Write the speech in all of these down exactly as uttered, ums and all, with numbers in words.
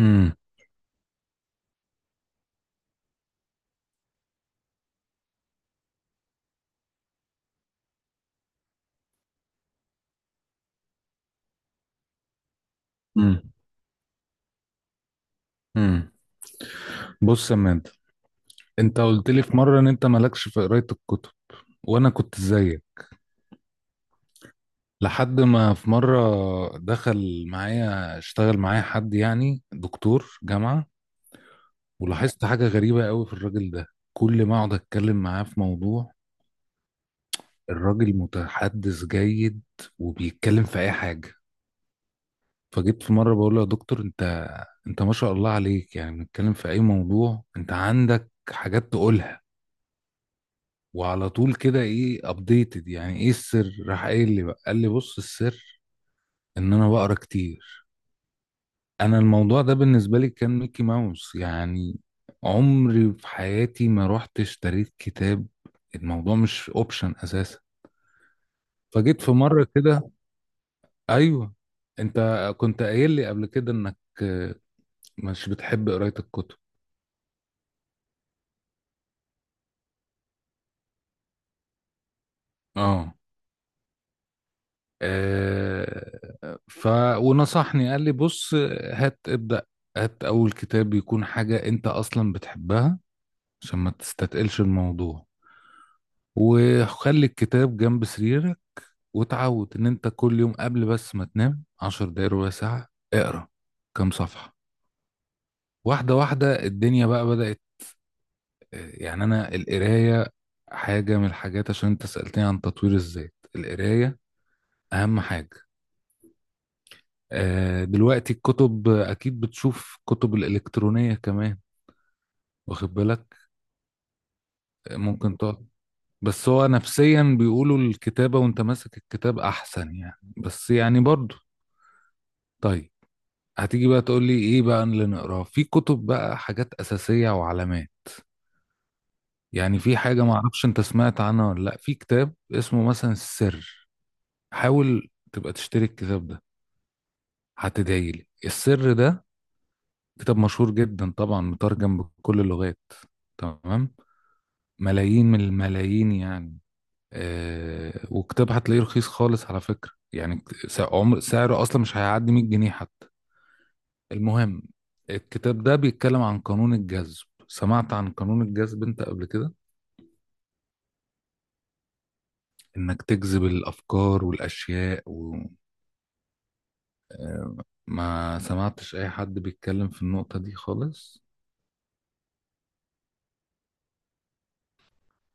امم امم امم بص يا مان، انت قلت لي في مره ان انت مالكش في قرايه الكتب. وانا كنت زيك لحد ما في مره دخل معايا، اشتغل معايا حد يعني دكتور جامعه، ولاحظت حاجه غريبه قوي في الراجل ده. كل ما اقعد اتكلم معاه في موضوع، الراجل متحدث جيد وبيتكلم في اي حاجه. فجيت في مره بقول له: يا دكتور، انت انت ما شاء الله عليك، يعني بنتكلم في اي موضوع انت عندك حاجات تقولها وعلى طول كده ايه ابديتد، يعني ايه السر؟ راح قايل لي بقى، قال لي بص، السر ان انا بقرا كتير. انا الموضوع ده بالنسبه لي كان ميكي ماوس يعني، عمري في حياتي ما رحت اشتريت كتاب، الموضوع مش اوبشن اساسا. فجيت في مره كده، ايوه، انت كنت قايل لي قبل كده انك آه، مش بتحب قرايه الكتب. اه آه، ف ونصحني قال لي بص، هات ابدأ، هات أول كتاب يكون حاجة أنت أصلا بتحبها عشان ما تستتقلش الموضوع، وخلي الكتاب جنب سريرك، وتعود إن أنت كل يوم قبل بس ما تنام عشر دقايق، ربع ساعة، اقرأ كام صفحة، واحدة واحدة الدنيا بقى بدأت. يعني أنا القراية حاجة من الحاجات، عشان أنت سألتني عن تطوير الذات، القراية أهم حاجة. آه، دلوقتي الكتب، آه، اكيد بتشوف كتب الالكترونيه كمان، واخد بالك؟ آه، ممكن تقعد، بس هو نفسيا بيقولوا الكتابه وانت ماسك الكتاب احسن، يعني بس يعني برضو طيب. هتيجي بقى تقول لي ايه بقى اللي نقراه في كتب بقى؟ حاجات اساسيه وعلامات. يعني في حاجه ما اعرفش انت سمعت عنها ولا لا، في كتاب اسمه مثلا السر، حاول تبقى تشتري الكتاب ده، هتدعي لي. السر ده كتاب مشهور جدا طبعا، مترجم بكل اللغات، تمام، ملايين من الملايين يعني. آه، وكتاب هتلاقيه رخيص خالص على فكرة، يعني كت- س- عمر سعره أصلا مش هيعدي مية جنيه حتى. المهم، الكتاب ده بيتكلم عن قانون الجذب. سمعت عن قانون الجذب أنت قبل كده؟ إنك تجذب الأفكار والأشياء و... آه. ما سمعتش أي حد بيتكلم في النقطة دي خالص.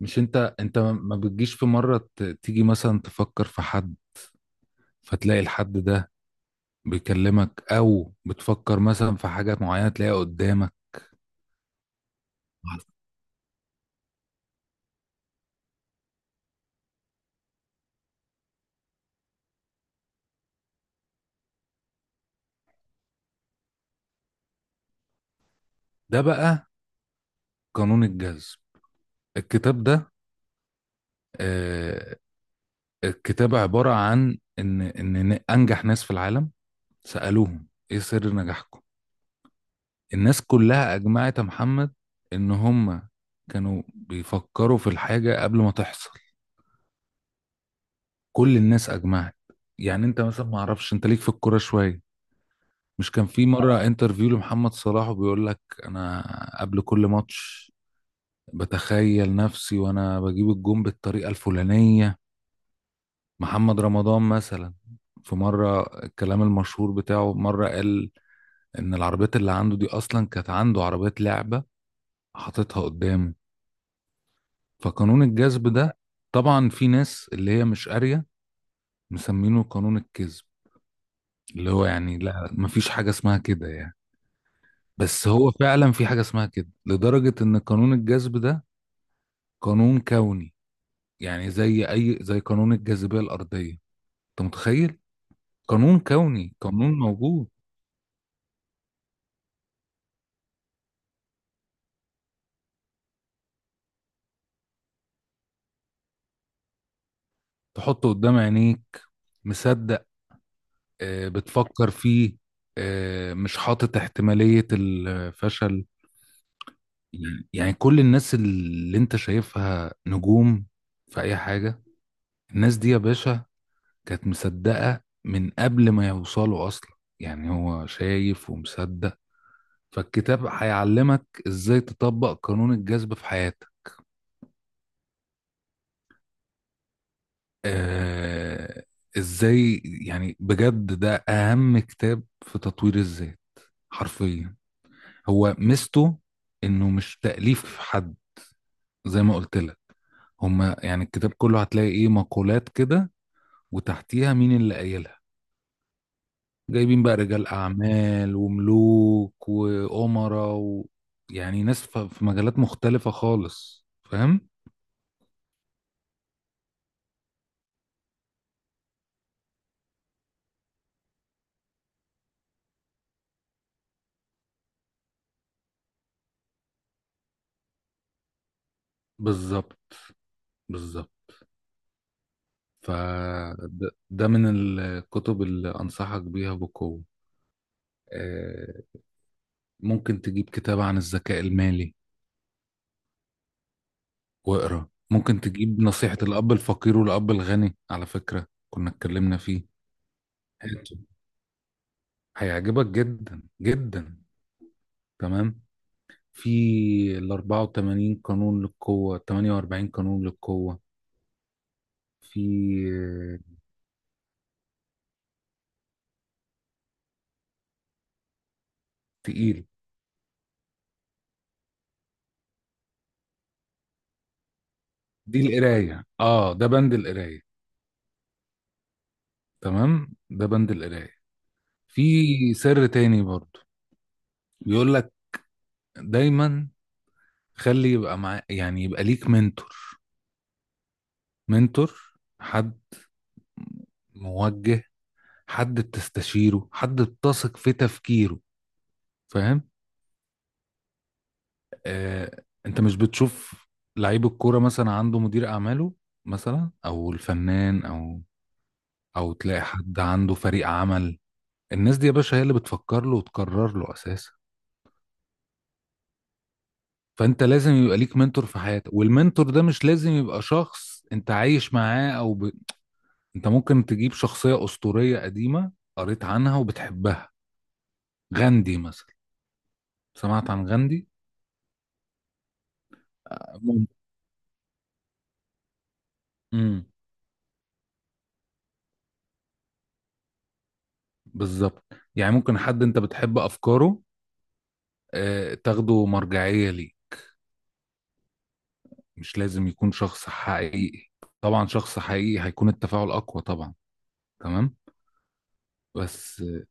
مش أنت أنت ما بتجيش في مرة ت- تيجي مثلا تفكر في حد، فتلاقي الحد ده بيكلمك، او بتفكر مثلا في حاجات معينه تلاقيها قدامك؟ ده بقى قانون الجذب. الكتاب ده، آه، الكتاب عباره عن ان ان إن انجح ناس في العالم سالوهم: ايه سر نجاحكم؟ الناس كلها اجمعت يا محمد ان هم كانوا بيفكروا في الحاجه قبل ما تحصل. كل الناس اجمعت. يعني انت مثلا ما اعرفش انت ليك في الكوره شويه، مش كان في مره انترفيو لمحمد صلاح وبيقول لك: انا قبل كل ماتش بتخيل نفسي وانا بجيب الجون بالطريقة الفلانية. محمد رمضان مثلا في مرة الكلام المشهور بتاعه مرة قال ان العربيات اللي عنده دي اصلا كانت عنده عربيات لعبة حاططها قدامه. فقانون الجذب ده، طبعا في ناس اللي هي مش قارية مسمينه قانون الكذب، اللي هو يعني لا، مفيش حاجة اسمها كده يعني. بس هو فعلا في حاجة اسمها كده، لدرجة ان قانون الجذب ده قانون كوني. يعني زي اي، زي قانون الجاذبية الارضية، انت متخيل؟ قانون كوني، قانون موجود. تحطه قدام عينيك، مصدق، آه، بتفكر فيه، آه، مش حاطط احتمالية الفشل. يعني كل الناس اللي انت شايفها نجوم في اي حاجة، الناس دي يا باشا كانت مصدقة من قبل ما يوصلوا اصلا، يعني هو شايف ومصدق. فالكتاب هيعلمك ازاي تطبق قانون الجذب في حياتك. آه، ازاي. يعني بجد ده اهم كتاب في تطوير الذات حرفيا. هو ميزته انه مش تأليف حد، زي ما قلت لك، هما يعني الكتاب كله هتلاقي ايه مقولات كده وتحتيها مين اللي قايلها، جايبين بقى رجال اعمال وملوك وامراء و... يعني ناس ف- في مجالات مختلفة خالص، فاهم؟ بالظبط، بالظبط. فده ده من الكتب اللي انصحك بيها بقوة. آه، ممكن تجيب كتاب عن الذكاء المالي واقرا، ممكن تجيب نصيحة الأب الفقير والأب الغني، على فكرة كنا اتكلمنا فيه. هاته، هيعجبك جدا جدا. تمام. في ال أربعة وتمانين قانون للقوة، تمنية وأربعين قانون للقوة. في، آه، تقيل. دي القراية، اه، ده بند القراية. تمام، ده بند القراية. في سر تاني برضو بيقول لك: دايما خلي يبقى مع يعني يبقى ليك منتور. منتور، حد موجه، حد بتستشيره، حد بتثق في تفكيره، فاهم؟ آه، انت مش بتشوف لعيب الكوره مثلا عنده مدير اعماله مثلا، او الفنان، او او تلاقي حد عنده فريق عمل، الناس دي يا باشا هي اللي بتفكر له وتقرر له اساسا. فانت لازم يبقى ليك منتور في حياتك. والمنتور ده مش لازم يبقى شخص انت عايش معاه او ب... انت ممكن تجيب شخصيه اسطوريه قديمه قريت عنها وبتحبها. غاندي مثلا، سمعت عن غاندي؟ مم. امم بالظبط. يعني ممكن حد انت بتحب افكاره، آه، تاخده مرجعية ليه. مش لازم يكون شخص حقيقي. طبعا شخص حقيقي هيكون التفاعل اقوى طبعا، تمام. بس آه،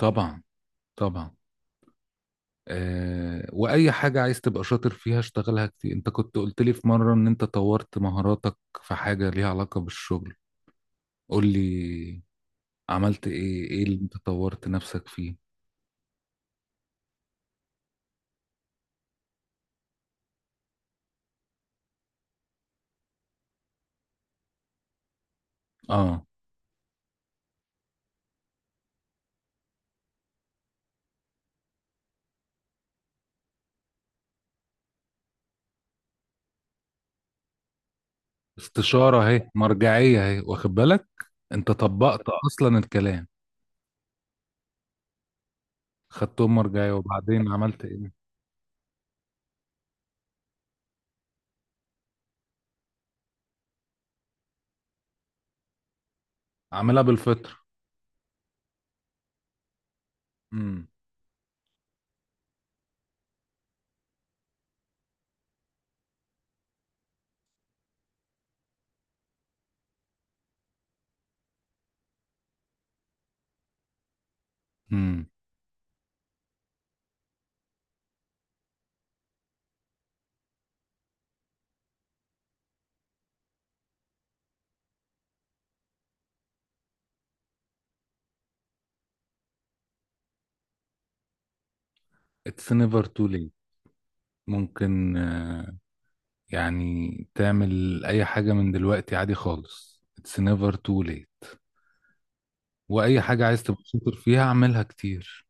طبعا، طبعا. أه، واي حاجة عايز تبقى شاطر فيها اشتغلها كتير. انت كنت قلت لي في مرة ان انت طورت مهاراتك في حاجة ليها علاقة بالشغل، قول لي، عملت ايه، ايه اللي انت طورت نفسك فيه؟ اه، استشارة اهي، مرجعية اهي، واخد بالك؟ انت طبقت اصلا الكلام، خدتهم مرجعية. وبعدين عملت ايه؟ عاملها بالفطرة. امم امم it's never too late. ممكن آه، يعني تعمل اي حاجة من دلوقتي عادي خالص، it's never too late. واي حاجة عايز تبقى شاطر فيها اعملها كتير.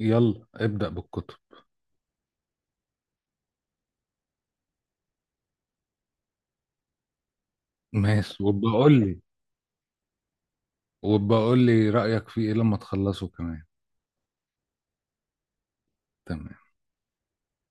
يلا ابدأ بالكتب. ماشي، وبقول لي، وبقول لي رأيك في ايه لما تخلصه كمان. تمام.